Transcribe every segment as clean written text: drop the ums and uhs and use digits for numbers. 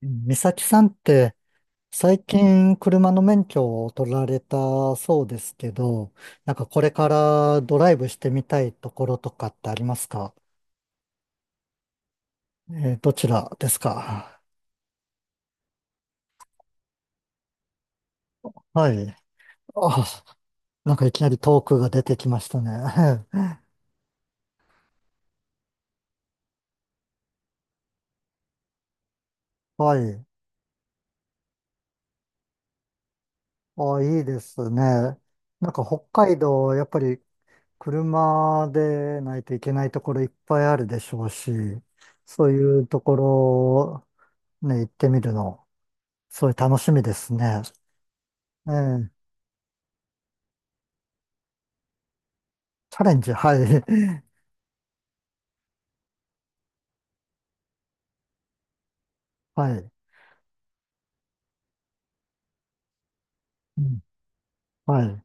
美咲さんって最近車の免許を取られたそうですけど、これからドライブしてみたいところとかってありますか？えー、どちらですか？はい。あ、なんかいきなりトークが出てきましたね。はい。あ、いいですね。北海道、やっぱり車でないといけないところいっぱいあるでしょうし、そういうところね、行ってみるの、そういう楽しみですね。ええ、チャレンジ、はい。はい。うん、はい。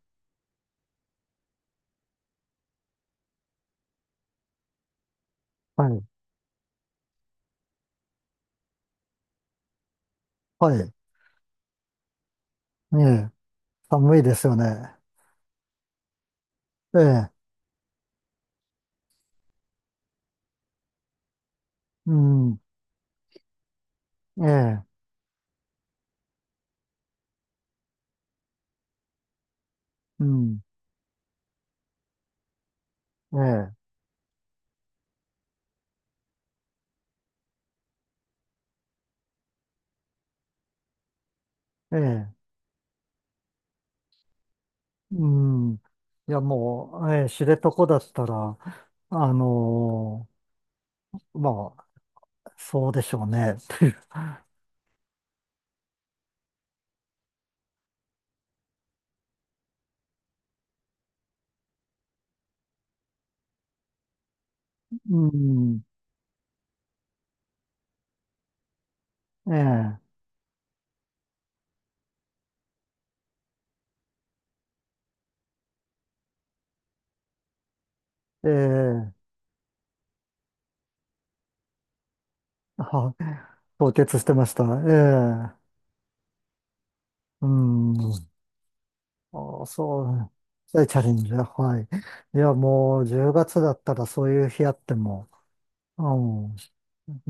はい。はい。ええ、寒いですよね。ええ、うん。ええ、うん。ええ、ええ、うん。いや、もう、ええ、知床だったら、あのまあ、そうでしょうね。うん。ええ、ええ、は、凍結してました。ええ、うん。ああ、そう、そういうチャレンジだ。はい。いや、もう10月だったらそういう日あっても、う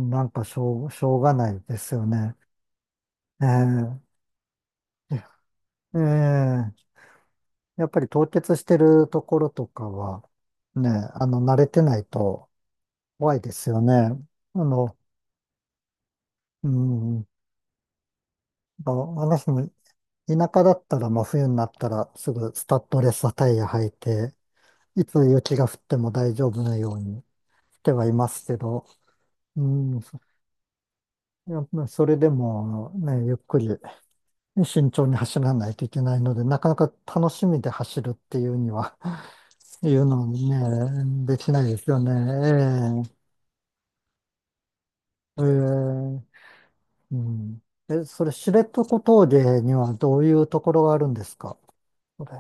ん、しょうがないですよね。ええええ、やっぱり凍結してるところとかは、ね、あの、慣れてないと怖いですよね。あの、うん、あ、私も田舎だったら真冬になったらすぐスタッドレスタイヤ履いて、いつ雪が降っても大丈夫なようにしてはいますけど、うん、そいやまあそれでもね、ゆっくりね、慎重に走らないといけないので、なかなか楽しみで走るっていうには、いうのをね、できないですよね。ええええ、うん。え、それ、知床峠にはどういうところがあるんですか、それ。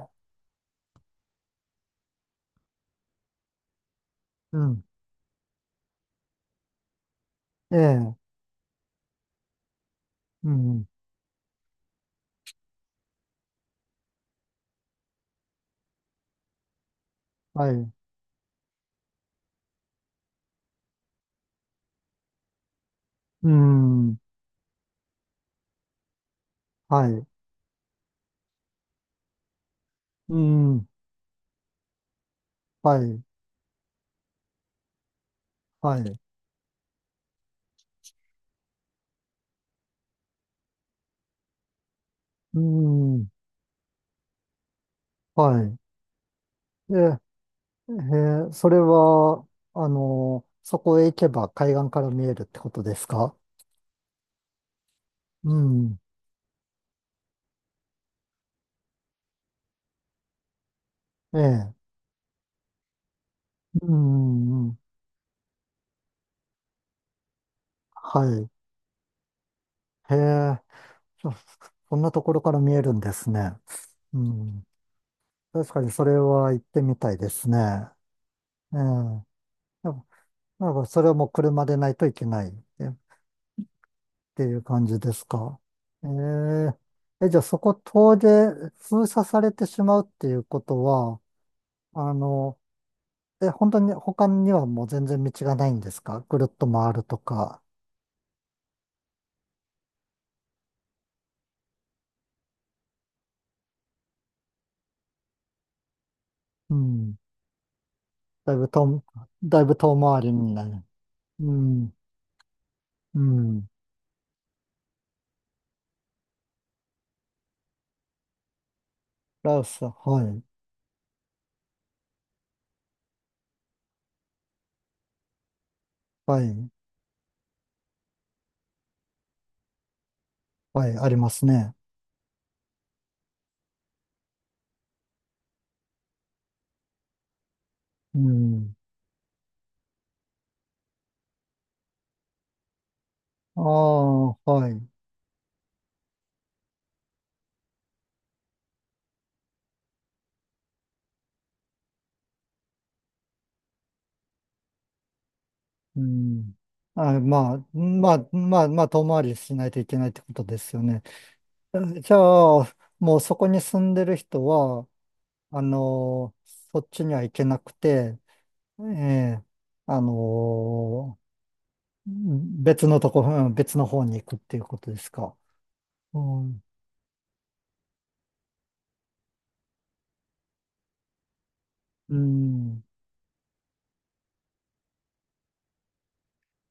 うん。ええ、うん。はい。うん。はい。うん。はい。はい。うん。はい。えええー、それは、あの、そこへ行けば海岸から見えるってことですか？うん。ええ。うん。うん、はい。へえ。そ、そんなところから見えるんですね。うん。確かにそれは行ってみたいですね。ええ。やっぱ、それはもう車でないといけないえっていう感じですか。ええ。え、じゃあそこ遠出、封鎖されてしまうっていうことは、あの、え、本当に他にはもう全然道がないんですか、ぐるっと回るとか。うん。だいぶ遠、だいぶ遠回りになる。うん。うん。ラオス、はい。はい。はい。ありますね。うん。ああ、はい。うん。あ、まあ、遠回りしないといけないってことですよね。え、じゃあ、もうそこに住んでる人は、あの、そっちには行けなくて、ええ、あの、うん別のとこ、うん別の方に行くっていうことですか。うん、うん、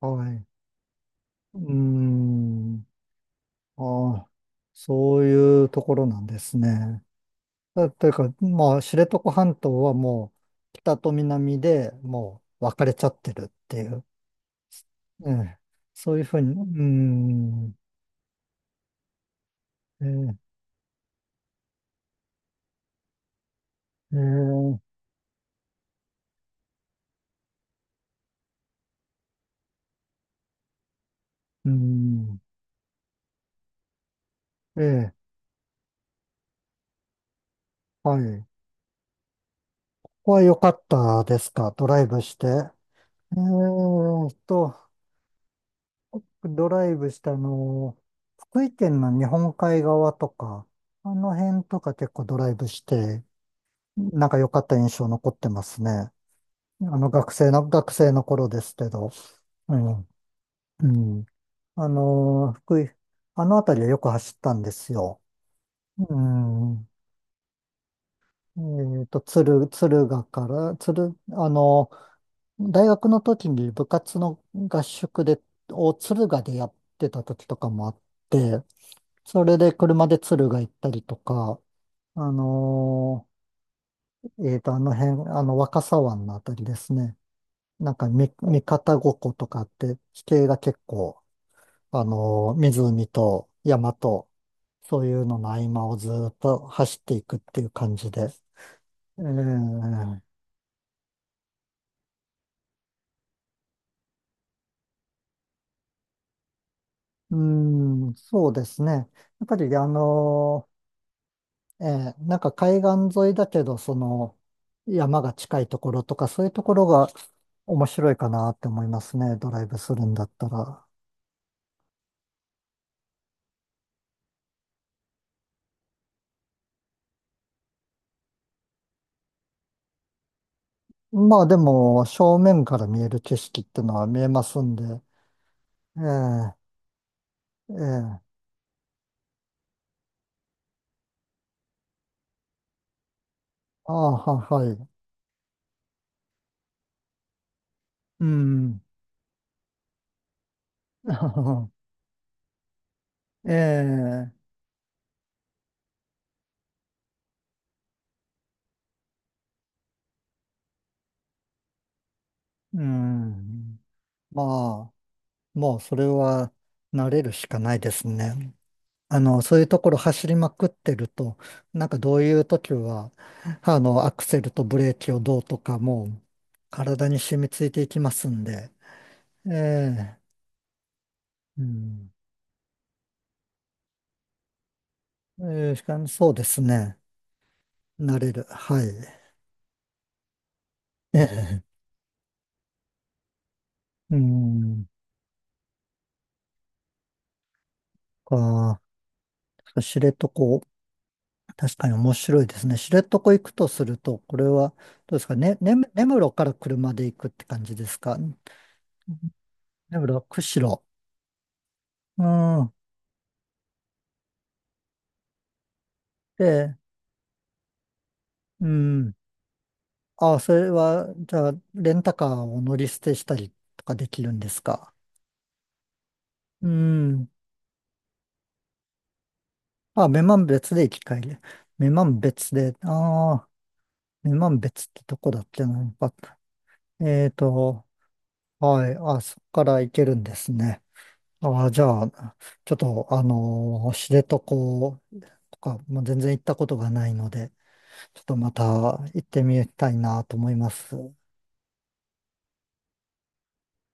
はい。うん、ああ、そういうところなんですね。だというか、まあ、知床半島はもう、北と南でもう分かれちゃってるっていう、ええ、そういうふうに、うん、ええええ、うん、ええ、はい。ここは良かったですか、ドライブして。ええと、ドライブしたあの、福井県の日本海側とか、あの辺とか結構ドライブして、良かった印象残ってますね。あの学生の、学生の頃ですけど。うん。うん。あの、福井、あの辺りはよく走ったんですよ。うん。えっと、敦、敦賀から、敦、あの、大学の時に部活の合宿で、を敦賀でやってた時とかもあって、それで車で敦賀行ったりとか、あのえーと、あの辺、あの若狭湾のあたりですね。なんかみ、三方五湖とかって地形が結構、あのー湖と山と、そういうのの合間をずーっと走っていくっていう感じで。えー、うーん、そうですね。やっぱり、あのーええ、なんか海岸沿いだけど、その山が近いところとか、そういうところが面白いかなって思いますね、ドライブするんだったら。まあでも、正面から見える景色ってのは見えますんで、ええ、ええ、ああ、は、はい、うん、ええ、うん、まあ、もうそれは慣れるしかないですね。あの、そういうところ走りまくってると、どういう時は、あの、アクセルとブレーキをどうとかもう体に染みついていきますんで、ええ、うん、ええ、しかもそうですね、慣れる。はい。ええ、うん、か、知床、確かに面白いですね。知床行くとすると、これは、どうですかね、ね、根室から車で行くって感じですか？根室、釧路。うん。で、うん。ああ、それは、じゃあ、レンタカーを乗り捨てしたりとかできるんですか？うん。あ、女満別で行き帰り。女満別で、ああ、女満別ってどこだっけな。やっぱえーと、はい。あ、そこから行けるんですね。ああ、じゃあ、ちょっと、あのー知床とか、もう全然行ったことがないので、ちょっとまた行ってみたいなと思います。